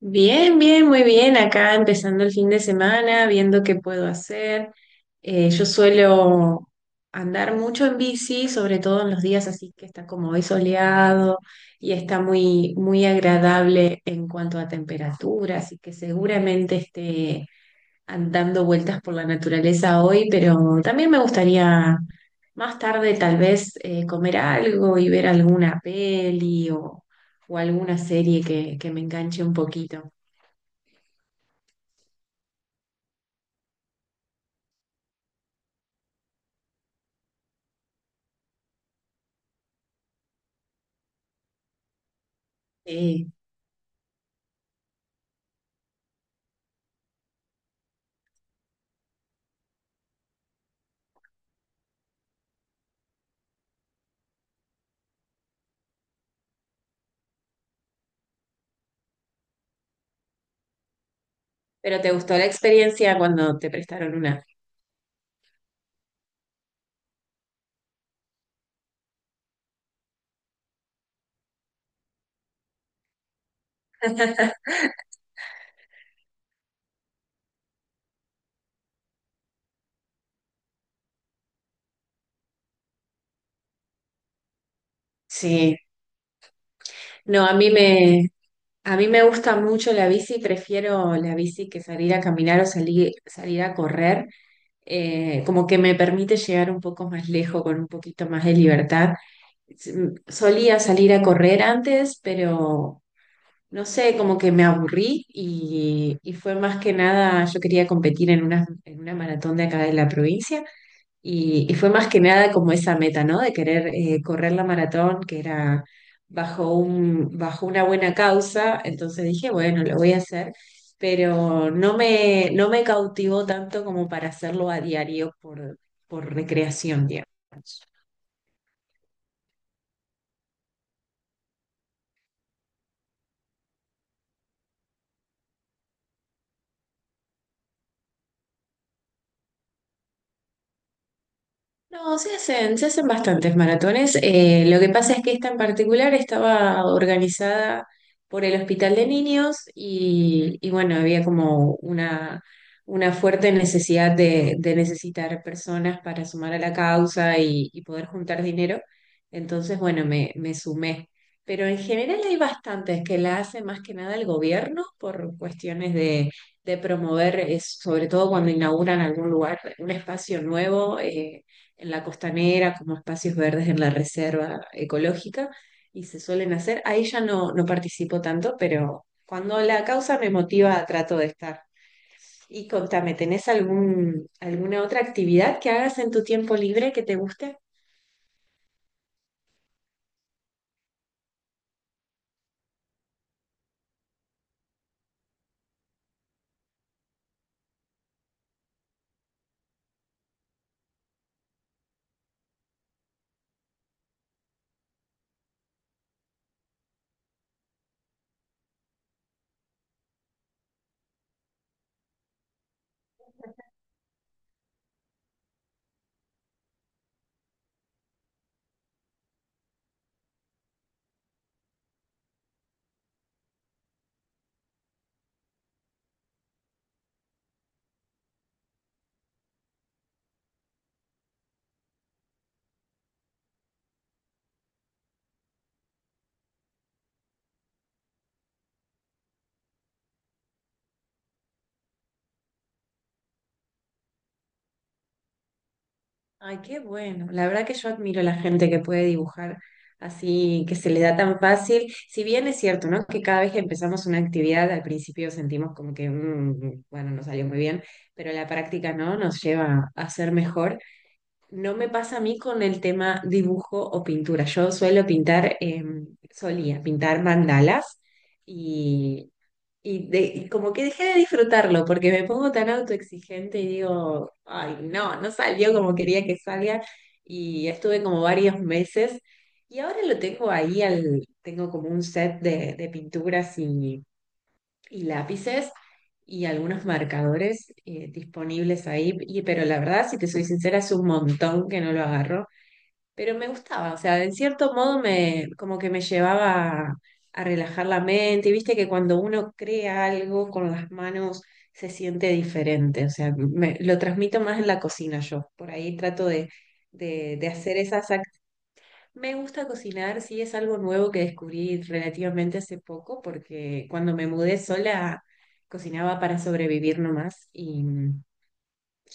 Bien, bien, muy bien. Acá empezando el fin de semana, viendo qué puedo hacer. Yo suelo andar mucho en bici, sobre todo en los días así que está como hoy soleado y está muy agradable en cuanto a temperatura, así que seguramente esté andando vueltas por la naturaleza hoy, pero también me gustaría más tarde tal vez comer algo y ver alguna peli o alguna serie que me enganche un poquito. Sí. Pero ¿te gustó la experiencia cuando te prestaron una? Sí. No, a mí me gusta mucho la bici, prefiero la bici que salir a caminar o salir a correr. Como que me permite llegar un poco más lejos con un poquito más de libertad. S- Solía salir a correr antes, pero no sé, como que me aburrí y fue más que nada, yo quería competir en una maratón de acá de la provincia. Y fue más que nada como esa meta, ¿no? De querer correr la maratón, que era bajo un, bajo una buena causa. Entonces dije, bueno, lo voy a hacer, pero no me cautivó tanto como para hacerlo a diario por recreación, digamos. No, se hacen bastantes maratones. Lo que pasa es que esta en particular estaba organizada por el Hospital de Niños y bueno, había como una fuerte necesidad de necesitar personas para sumar a la causa y poder juntar dinero. Entonces, bueno, me sumé. Pero en general hay bastantes que la hace más que nada el gobierno por cuestiones de promover, es, sobre todo cuando inauguran algún lugar, un espacio nuevo. En la costanera, como espacios verdes en la reserva ecológica, y se suelen hacer. Ahí ya no, no participo tanto, pero cuando la causa me motiva, trato de estar. Y contame, ¿tenés algún, alguna otra actividad que hagas en tu tiempo libre que te guste? Ay, qué bueno. La verdad que yo admiro a la gente que puede dibujar así, que se le da tan fácil. Si bien es cierto, ¿no? Que cada vez que empezamos una actividad, al principio sentimos como que, bueno, no salió muy bien, pero la práctica, ¿no? Nos lleva a ser mejor. No me pasa a mí con el tema dibujo o pintura. Yo suelo pintar, solía pintar mandalas y, y como que dejé de disfrutarlo porque me pongo tan autoexigente y digo, ay, no, no salió como quería que salga y estuve como varios meses y ahora lo tengo ahí, al, tengo como un set de pinturas y lápices y algunos marcadores disponibles ahí, y, pero la verdad, si te soy sincera, es un montón que no lo agarro, pero me gustaba, o sea, en cierto modo me, como que me llevaba a relajar la mente, y viste que cuando uno crea algo con las manos se siente diferente, o sea, lo transmito más en la cocina yo, por ahí trato de, de hacer esas me gusta cocinar, sí es algo nuevo que descubrí relativamente hace poco, porque cuando me mudé sola cocinaba para sobrevivir nomás y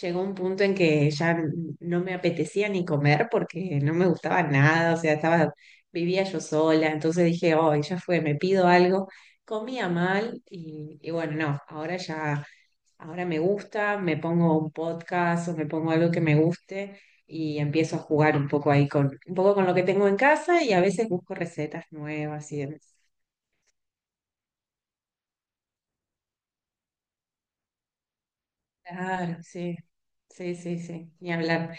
llegó un punto en que no me apetecía ni comer porque no me gustaba nada, o sea, estaba, vivía yo sola, entonces dije, oh, ya fue, me pido algo. Comía mal y bueno, no, ahora ya, ahora me gusta, me pongo un podcast o me pongo algo que me guste y empiezo a jugar un poco ahí con, un poco con lo que tengo en casa y a veces busco recetas nuevas y demás. Claro, sí, sí, sí, sí, ni hablar.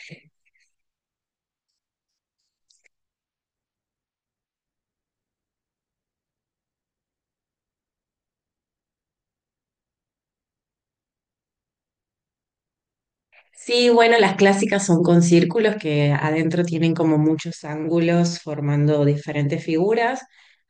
Sí, bueno, las clásicas son con círculos que adentro tienen como muchos ángulos formando diferentes figuras.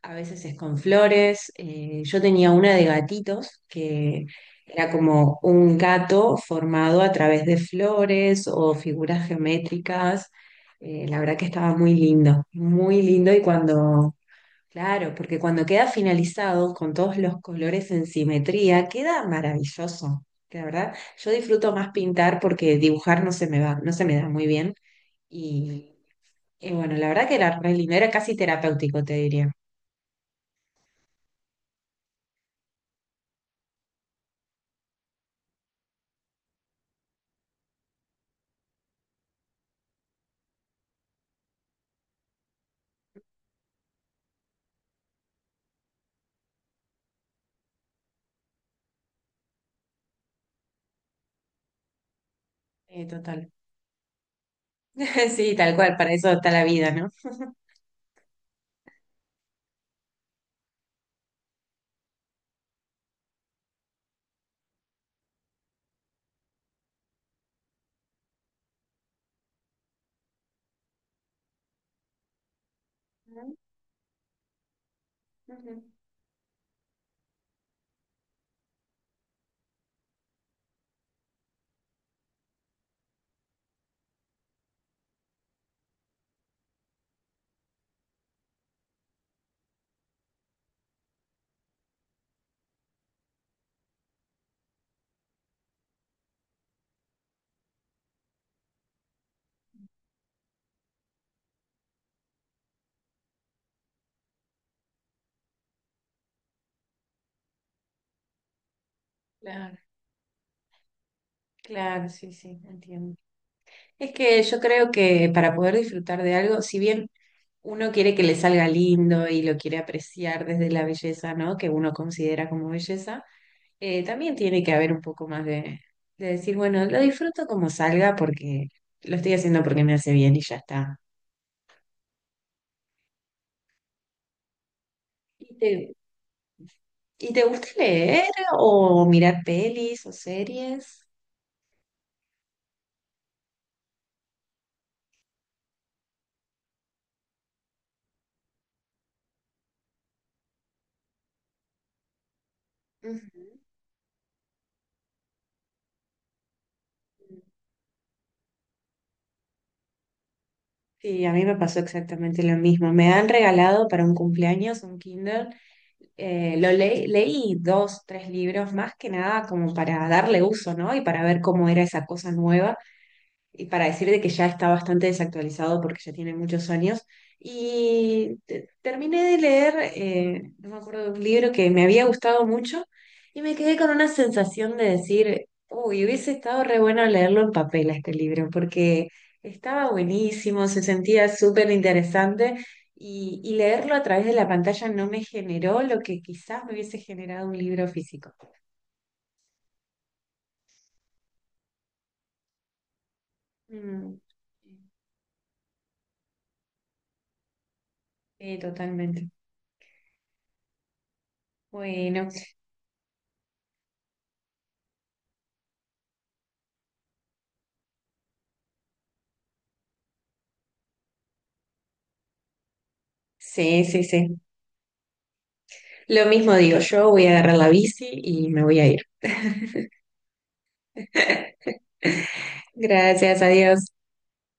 A veces es con flores. Yo tenía una de gatitos que era como un gato formado a través de flores o figuras geométricas. La verdad que estaba muy lindo y cuando... Claro, porque cuando queda finalizado con todos los colores en simetría, queda maravilloso. La verdad, yo disfruto más pintar porque dibujar no se me va, no se me da muy bien. Y, y bueno, la verdad que era re lindo, era casi terapéutico, te diría. Total. Sí, tal cual, para eso está la vida, ¿no? Ujú, ujú. Claro, claro, sí, sí, entiendo. Es que yo creo que para poder disfrutar de algo, si bien uno quiere que le salga lindo y lo quiere apreciar desde la belleza, ¿no? Que uno considera como belleza, también tiene que haber un poco más de decir, bueno, lo disfruto como salga porque lo estoy haciendo porque me hace bien y ya está. ¿Y te, y te gusta leer o mirar pelis o series? Ujú. Sí, a mí me pasó exactamente lo mismo. Me han regalado para un cumpleaños un Kinder leí dos, tres libros más que nada como para darle uso, ¿no? Y para ver cómo era esa cosa nueva y para decir de que ya está bastante desactualizado porque ya tiene muchos años. Terminé de leer, no me acuerdo de un libro que me había gustado mucho y me quedé con una sensación de decir, uy, hubiese estado re bueno leerlo en papel a este libro porque estaba buenísimo, se sentía súper interesante. Y leerlo a través de la pantalla no me generó lo que quizás me hubiese generado un libro físico. Mm, sí, totalmente. Bueno, sí, sí, sí. Lo mismo digo, yo voy a agarrar la bici y me voy a ir. Gracias, adiós.